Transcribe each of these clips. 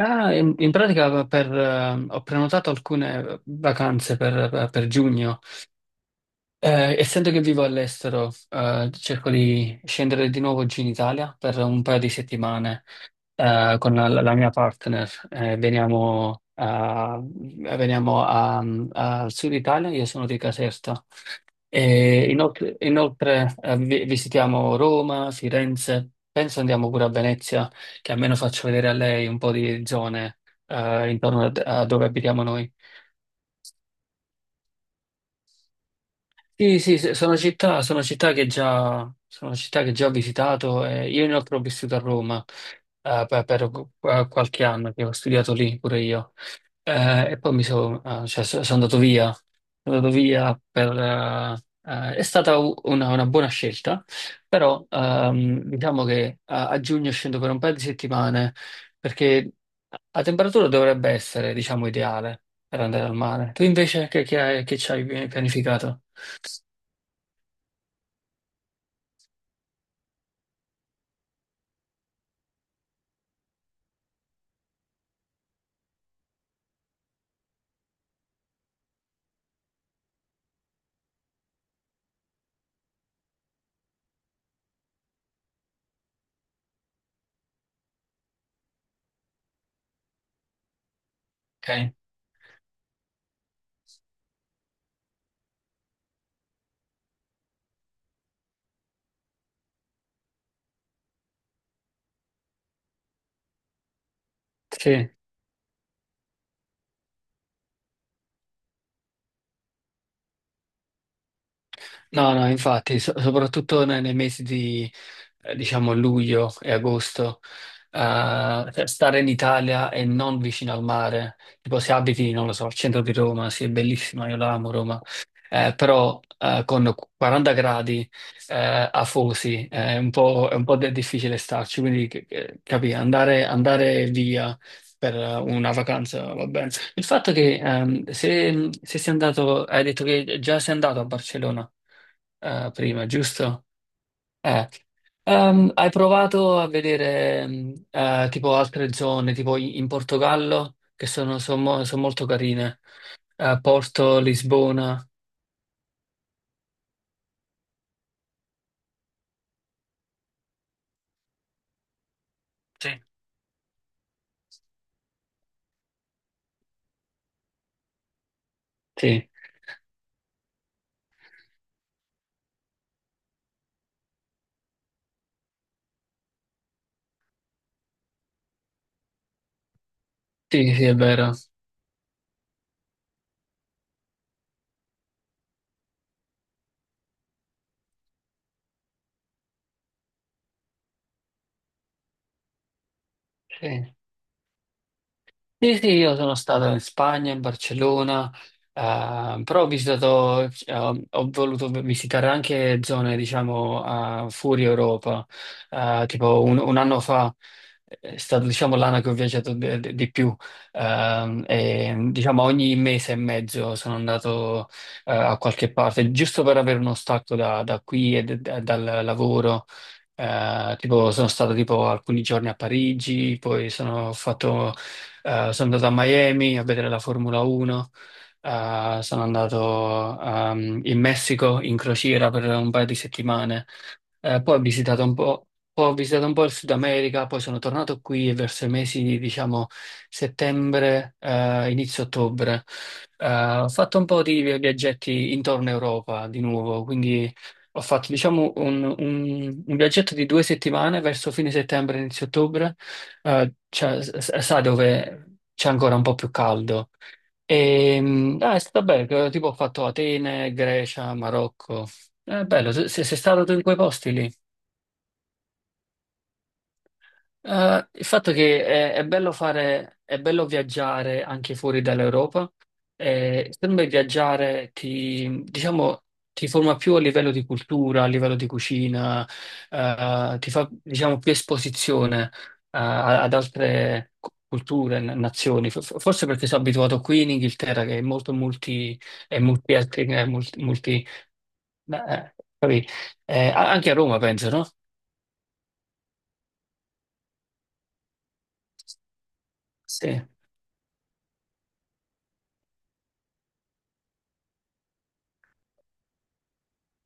Ah, in pratica ho prenotato alcune vacanze per giugno. Essendo che vivo all'estero, cerco di scendere di nuovo giù in Italia per un paio di settimane, con la mia partner. Veniamo al sud Italia. Io sono di Caserta. E inoltre, visitiamo Roma, Firenze, penso andiamo pure a Venezia, che almeno faccio vedere a lei un po' di zone intorno a dove abitiamo noi. Sì, sì, sì, sono città che già, sono città che già ho visitato. Io inoltre ho vissuto a Roma per qualche anno, che ho studiato lì pure io. E poi cioè, sono andato via, sono andato via. È stata una buona scelta, però diciamo che a giugno scendo per un paio di settimane, perché la temperatura dovrebbe essere, diciamo, ideale per andare al mare. Tu invece che ci hai pianificato? Ok, sì. No, no, infatti, soprattutto nei mesi di, diciamo, luglio e agosto, cioè, stare in Italia e non vicino al mare, tipo se abiti, non lo so, al centro di Roma. Sì, è bellissima, io la amo Roma, però con 40 gradi afosi, è un po' difficile starci. Quindi capì, andare via per una vacanza, va bene. Il fatto che se sei andato, hai detto che già sei andato a Barcellona prima, giusto? Eh. Hai provato a vedere tipo altre zone, tipo in Portogallo, che sono molto carine. Porto, Lisbona. Sì. Sì, sì, sì, è vero. Sì. Sì, sì, io sono stato in Spagna, in Barcellona, però ho voluto visitare anche zone, diciamo, fuori Europa. Tipo un anno fa è stato, diciamo, l'anno che ho viaggiato di più. E, diciamo, ogni mese e mezzo sono andato a qualche parte, giusto per avere uno stacco da, qui e dal lavoro. Tipo, sono stato tipo alcuni giorni a Parigi. Poi sono andato a Miami a vedere la Formula 1, sono andato in Messico in crociera per un paio di settimane. Eh, poi ho visitato un po', poi ho visitato un po' il Sud America. Poi sono tornato qui e verso i mesi di, diciamo, settembre, inizio ottobre. Eh, Ho fatto un po' di viaggetti intorno a Europa di nuovo. Quindi ho fatto, diciamo, un viaggetto di 2 settimane verso fine settembre, inizio ottobre, cioè, sa dove c'è ancora un po' più caldo. E, ah, è stato bello: che tipo ho fatto Atene, Grecia, Marocco. È bello, sei stato tu in quei posti lì? Il fatto che è bello fare, è bello viaggiare anche fuori dall'Europa. Sempre viaggiare diciamo, ti forma più a livello di cultura, a livello di cucina, ti fa, diciamo, più esposizione, ad altre culture, nazioni. Forse perché sono abituato qui in Inghilterra, che è molto multi, è multietnica, è multi-. Capì? Anche a Roma penso, no? Sì,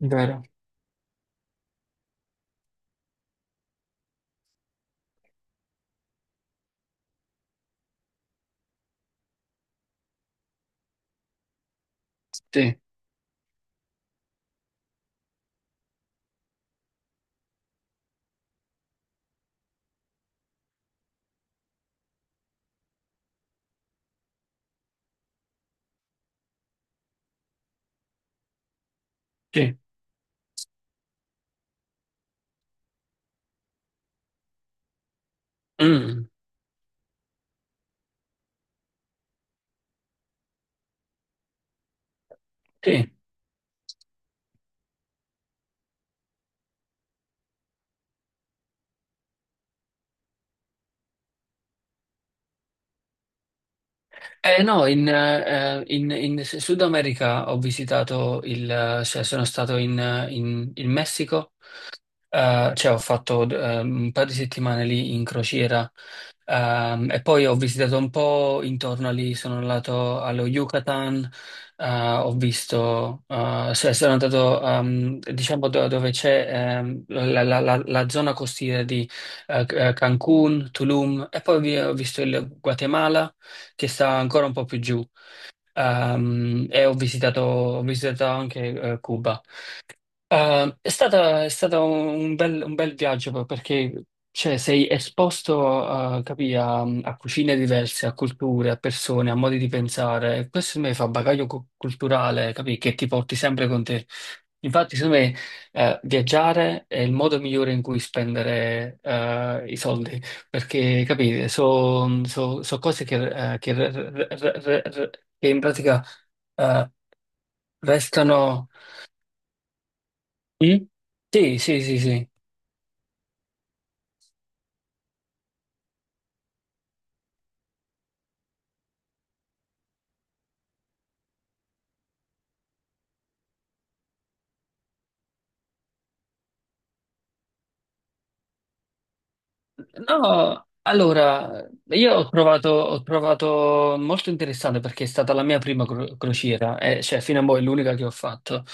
vero. Sì. Sì. Mm, sì. No, in Sud America ho visitato cioè, sono stato in Messico. Cioè, ho fatto un paio di settimane lì in crociera, e poi ho visitato un po' intorno lì, sono andato allo Yucatan. Sono andato diciamo dove c'è la zona costiera di Cancun, Tulum. E poi ho visto il Guatemala, che sta ancora un po' più giù, e ho visitato anche Cuba. È stato un bel viaggio, perché cioè, sei esposto, capì, a cucine diverse, a culture, a persone, a modi di pensare. Questo secondo me fa bagaglio culturale, capì, che ti porti sempre con te. Infatti, secondo me, viaggiare è il modo migliore in cui spendere i soldi, perché capite, sono cose che re- re- re- re- re- che in pratica eh, restano. Mm? Sì, sì, sì, sì. No, allora, io ho provato molto interessante, perché è stata la mia prima crociera, cioè fino a mo' è l'unica che ho fatto.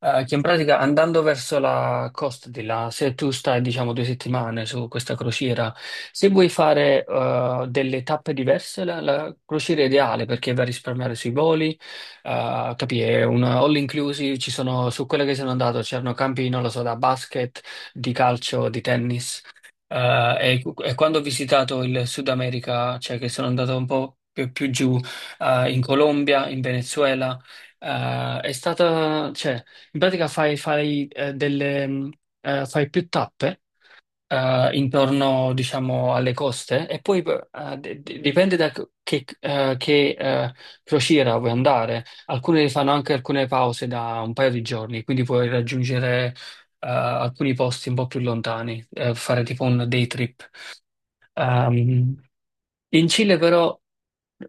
Che in pratica, andando verso la costa di là, se tu stai diciamo 2 settimane su questa crociera, se vuoi fare delle tappe diverse, la crociera è ideale perché va a risparmiare sui voli, capì? È un all inclusive, ci sono, su quella che sono andato c'erano campi, non lo so, da basket, di calcio, di tennis. E quando ho visitato il Sud America, cioè che sono andato un po' più giù, in Colombia, in Venezuela, cioè, in pratica fai delle, fai più tappe intorno, diciamo, alle coste, e poi dipende da che crociera vuoi andare. Alcune fanno anche alcune pause da un paio di giorni, quindi puoi raggiungere alcuni posti un po' più lontani, fare tipo un day trip. Ehm, In Cile però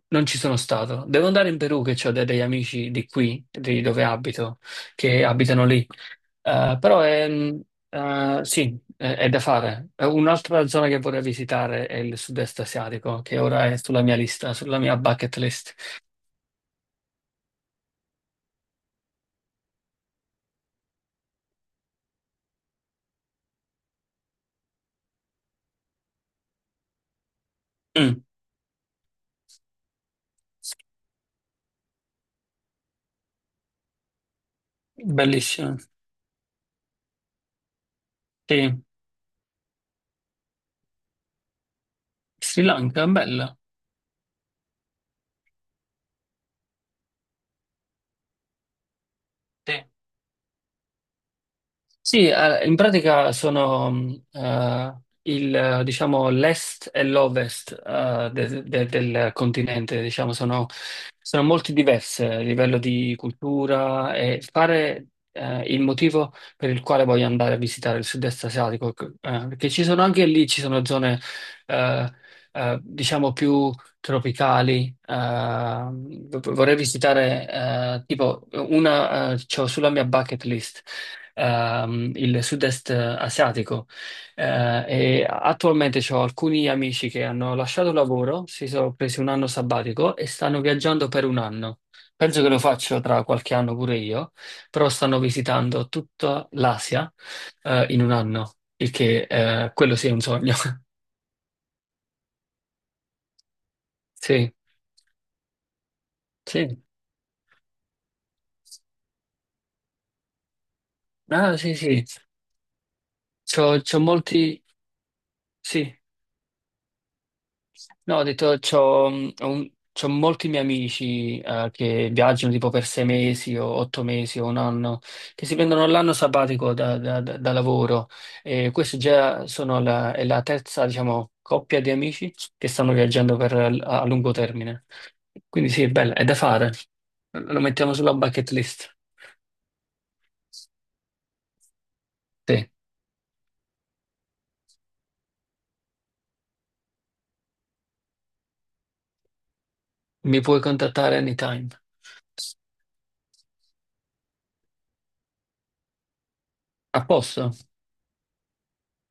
non ci sono stato. Devo andare in Perù, che ho degli amici di qui, di dove abito, che abitano lì. Eh, però è, mh, sì, è da fare. Un'altra zona che vorrei visitare è il sud-est asiatico, che ora è sulla mia lista, sulla mia bucket list. Mm, bellissimo. Sì. Sri Lanka, bella. Sì. Sì, in pratica sono diciamo, l'est e l'ovest del continente, diciamo, sono molto diverse a livello di cultura. E fare il motivo per il quale voglio andare a visitare il sud-est asiatico, perché ci sono anche lì, ci sono zone, eh, diciamo, più tropicali. Vorrei visitare, tipo, c'ho sulla mia bucket list il sud-est asiatico. E attualmente ho alcuni amici che hanno lasciato il lavoro, si sono presi un anno sabbatico e stanno viaggiando per un anno. Penso che lo faccio tra qualche anno pure io, però stanno visitando tutta l'Asia, in un anno, il che, quello sì è un sogno. Sì, sì, ah, sì, sì. C'ho molti, sì. No, ho detto, c'ho molti miei amici che viaggiano tipo per 6 mesi o 8 mesi o un anno, che si prendono l'anno sabbatico da lavoro. E questa già è la terza, diciamo, coppia di amici che stanno viaggiando a lungo termine. Quindi sì, è bella, è da fare. Lo mettiamo sulla bucket list. Sì, mi puoi contattare anytime. A posto?